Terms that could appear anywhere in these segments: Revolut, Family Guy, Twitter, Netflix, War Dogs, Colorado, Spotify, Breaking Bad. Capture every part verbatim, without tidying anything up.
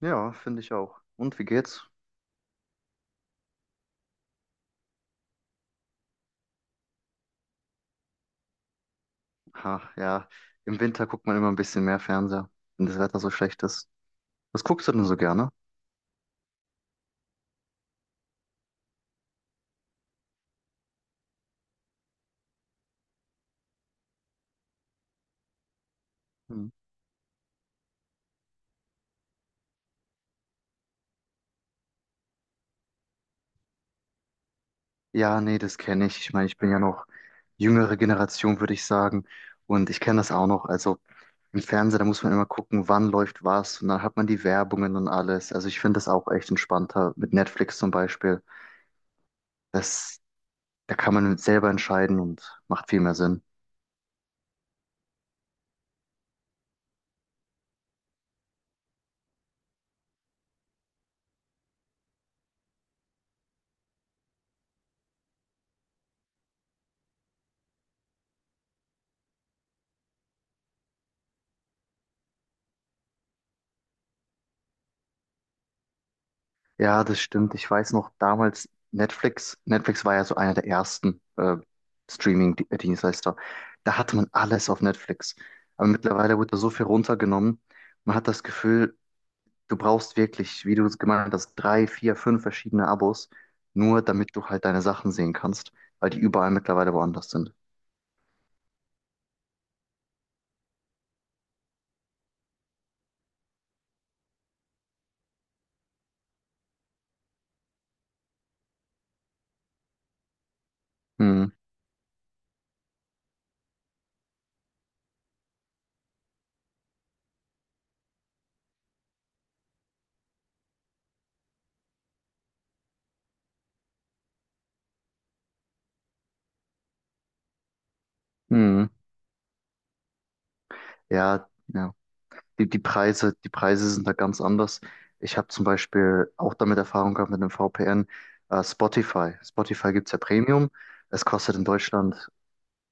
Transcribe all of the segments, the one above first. Ja, finde ich auch. Und wie geht's? Ha, ja, im Winter guckt man immer ein bisschen mehr Fernseher, wenn das Wetter so schlecht ist. Was guckst du denn so gerne? Hm. Ja, nee, das kenne ich. Ich meine, ich bin ja noch jüngere Generation, würde ich sagen. Und ich kenne das auch noch. Also im Fernseher, da muss man immer gucken, wann läuft was. Und dann hat man die Werbungen und alles. Also ich finde das auch echt entspannter. Mit Netflix zum Beispiel. Das, Da kann man selber entscheiden und macht viel mehr Sinn. Ja, das stimmt. Ich weiß noch, damals Netflix, Netflix war ja so einer der ersten äh, Streaming-Dienstleister. Da hatte man alles auf Netflix. Aber mittlerweile wird da so viel runtergenommen. Man hat das Gefühl, du brauchst wirklich, wie du es gemeint hast, drei, vier, fünf verschiedene Abos, nur damit du halt deine Sachen sehen kannst, weil die überall mittlerweile woanders sind. Hm, hm. Ja, ja. die, die Preise, die Preise sind da ganz anders. Ich habe zum Beispiel auch damit Erfahrung gehabt mit dem V P N, äh, Spotify. Spotify gibt's ja Premium. Es kostet in Deutschland,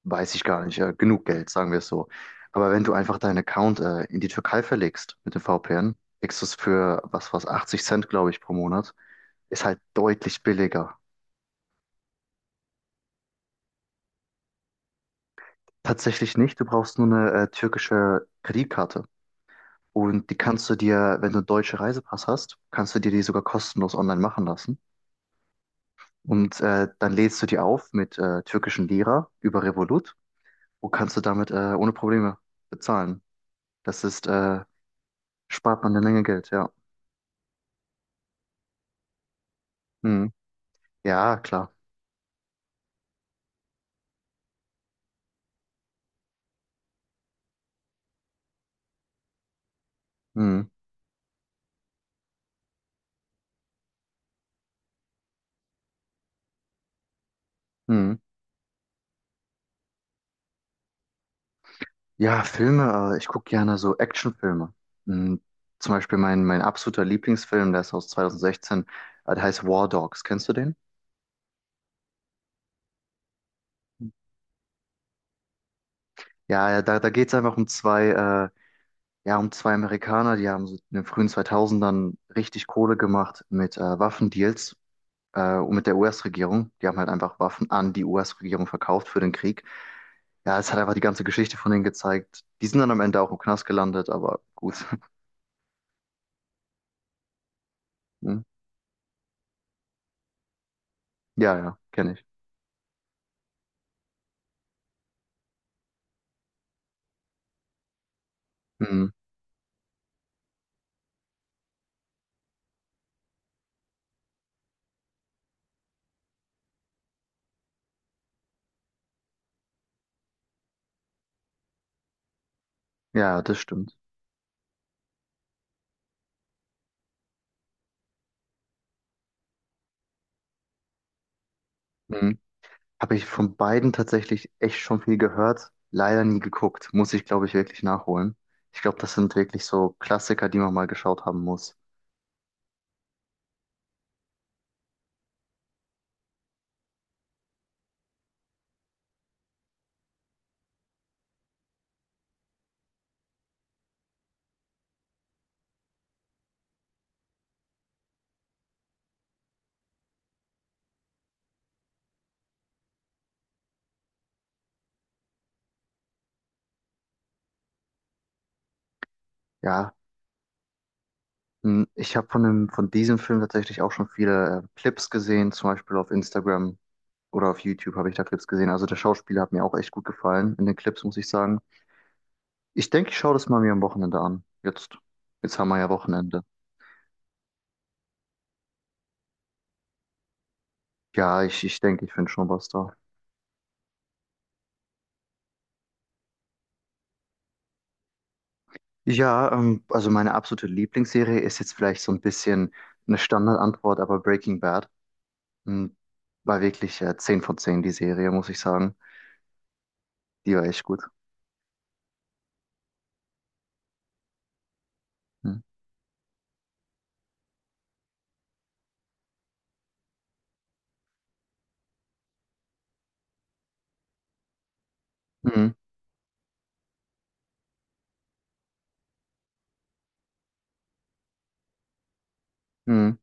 weiß ich gar nicht, äh, genug Geld, sagen wir es so. Aber wenn du einfach deinen Account äh, in die Türkei verlegst mit dem V P N, kriegst du es für was was achtzig Cent, glaube ich, pro Monat. Ist halt deutlich billiger. Tatsächlich nicht, du brauchst nur eine äh, türkische Kreditkarte. Und die kannst du dir, wenn du einen deutschen Reisepass hast, kannst du dir die sogar kostenlos online machen lassen. Und äh, dann lädst du die auf mit äh, türkischen Lira über Revolut und kannst du damit äh, ohne Probleme bezahlen. Das ist, äh, spart man eine Menge Geld, ja. Hm. Ja, klar. Hm. Hm. Ja, Filme, äh, ich gucke gerne so Actionfilme. Hm. Zum Beispiel mein, mein absoluter Lieblingsfilm, der ist aus zweitausendsechzehn, äh, der heißt War Dogs. Kennst du den? Ja, ja, da, da geht es einfach um zwei, äh, ja, um zwei Amerikaner, die haben so in den frühen zweitausendern richtig Kohle gemacht mit äh, Waffendeals äh, und mit der U S-Regierung. Die haben halt einfach Waffen an die U S-Regierung verkauft für den Krieg. Ja, es hat einfach die ganze Geschichte von denen gezeigt. Die sind dann am Ende auch im Knast gelandet, aber gut. Hm. Ja, ja, kenne ich. Hm. Ja, das stimmt. Hm. Habe ich von beiden tatsächlich echt schon viel gehört, leider nie geguckt. Muss ich, glaube ich, wirklich nachholen. Ich glaube, das sind wirklich so Klassiker, die man mal geschaut haben muss. Ja, hm. ich habe von dem, von diesem Film tatsächlich auch schon viele äh, Clips gesehen, zum Beispiel auf Instagram. Oder auf YouTube habe ich da Clips gesehen. Also der Schauspieler hat mir auch echt gut gefallen in den Clips, muss ich sagen. Ich denke, ich schaue das mal mir am Wochenende an. Jetzt, jetzt haben wir ja Wochenende. Ja, ich, ich denke, ich finde schon was da. Ja, ähm, also meine absolute Lieblingsserie ist jetzt vielleicht so ein bisschen eine Standardantwort, aber Breaking Bad hm, war wirklich äh, zehn von zehn die Serie, muss ich sagen. Die war echt gut. Hm. Mhm. Mhm.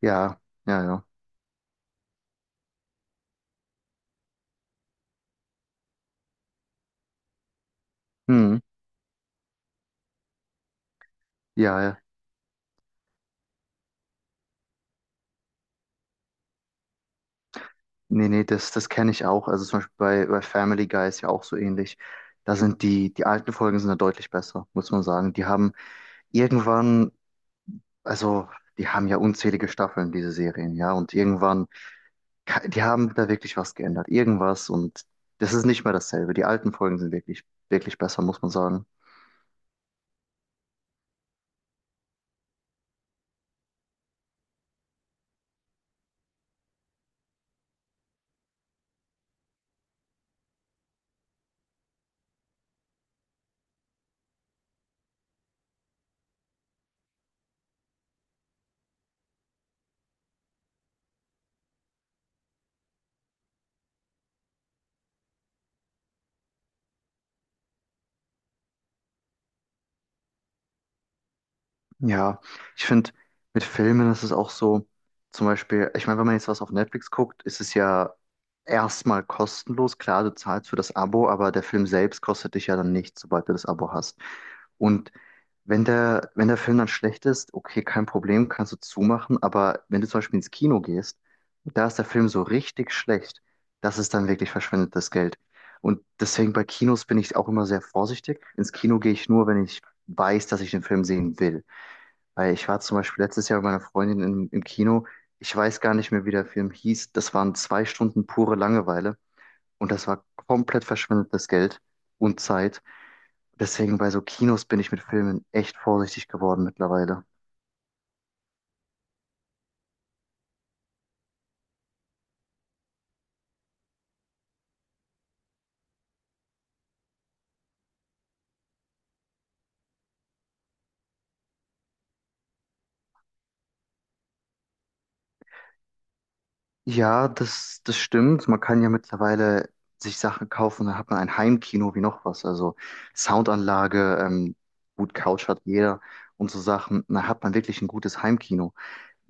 Ja, ja, ja. Mhm. Ja, ja. Nee, nee, das, das kenne ich auch. Also zum Beispiel bei, bei Family Guy ist ja auch so ähnlich. Da sind die, die alten Folgen sind da deutlich besser, muss man sagen. Die haben irgendwann, also die haben ja unzählige Staffeln, diese Serien, ja. Und irgendwann, ka- die haben da wirklich was geändert. Irgendwas und das ist nicht mehr dasselbe. Die alten Folgen sind wirklich, wirklich besser, muss man sagen. Ja, ich finde, mit Filmen ist es auch so, zum Beispiel, ich meine, wenn man jetzt was auf Netflix guckt, ist es ja erstmal kostenlos. Klar, du zahlst für das Abo, aber der Film selbst kostet dich ja dann nichts, sobald du das Abo hast. Und wenn der, wenn der Film dann schlecht ist, okay, kein Problem, kannst du zumachen, aber wenn du zum Beispiel ins Kino gehst und da ist der Film so richtig schlecht, das ist dann wirklich verschwendetes Geld. Und deswegen bei Kinos bin ich auch immer sehr vorsichtig. Ins Kino gehe ich nur, wenn ich weiß, dass ich den Film sehen will. Weil ich war zum Beispiel letztes Jahr mit meiner Freundin im, im Kino. Ich weiß gar nicht mehr, wie der Film hieß. Das waren zwei Stunden pure Langeweile. Und das war komplett verschwendetes Geld und Zeit. Deswegen bei so Kinos bin ich mit Filmen echt vorsichtig geworden mittlerweile. Ja, das, das stimmt. Man kann ja mittlerweile sich Sachen kaufen, dann hat man ein Heimkino wie noch was. Also Soundanlage, ähm, gut, Couch hat jeder und so Sachen. Dann hat man wirklich ein gutes Heimkino.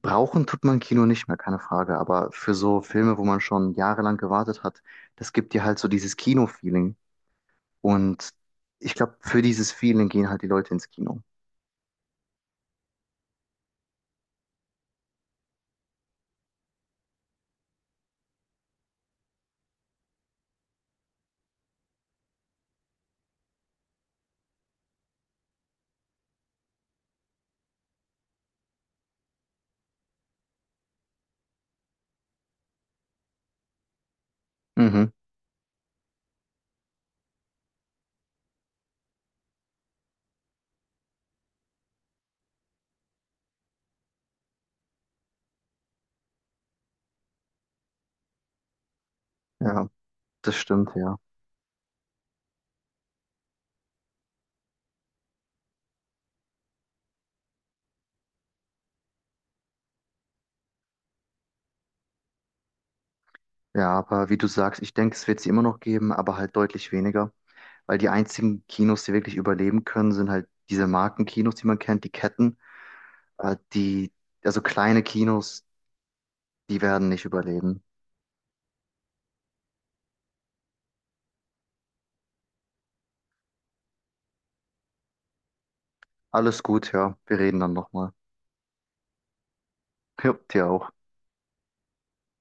Brauchen tut man Kino nicht mehr, keine Frage. Aber für so Filme, wo man schon jahrelang gewartet hat, das gibt dir halt so dieses Kino-Feeling. Und ich glaube, für dieses Feeling gehen halt die Leute ins Kino. Mhm, ja, das stimmt, ja. Ja, aber wie du sagst, ich denke, es wird sie immer noch geben, aber halt deutlich weniger. Weil die einzigen Kinos, die wirklich überleben können, sind halt diese Markenkinos, die man kennt, die Ketten. Äh, die, also kleine Kinos, die werden nicht überleben. Alles gut, ja. Wir reden dann nochmal. Ja, dir auch.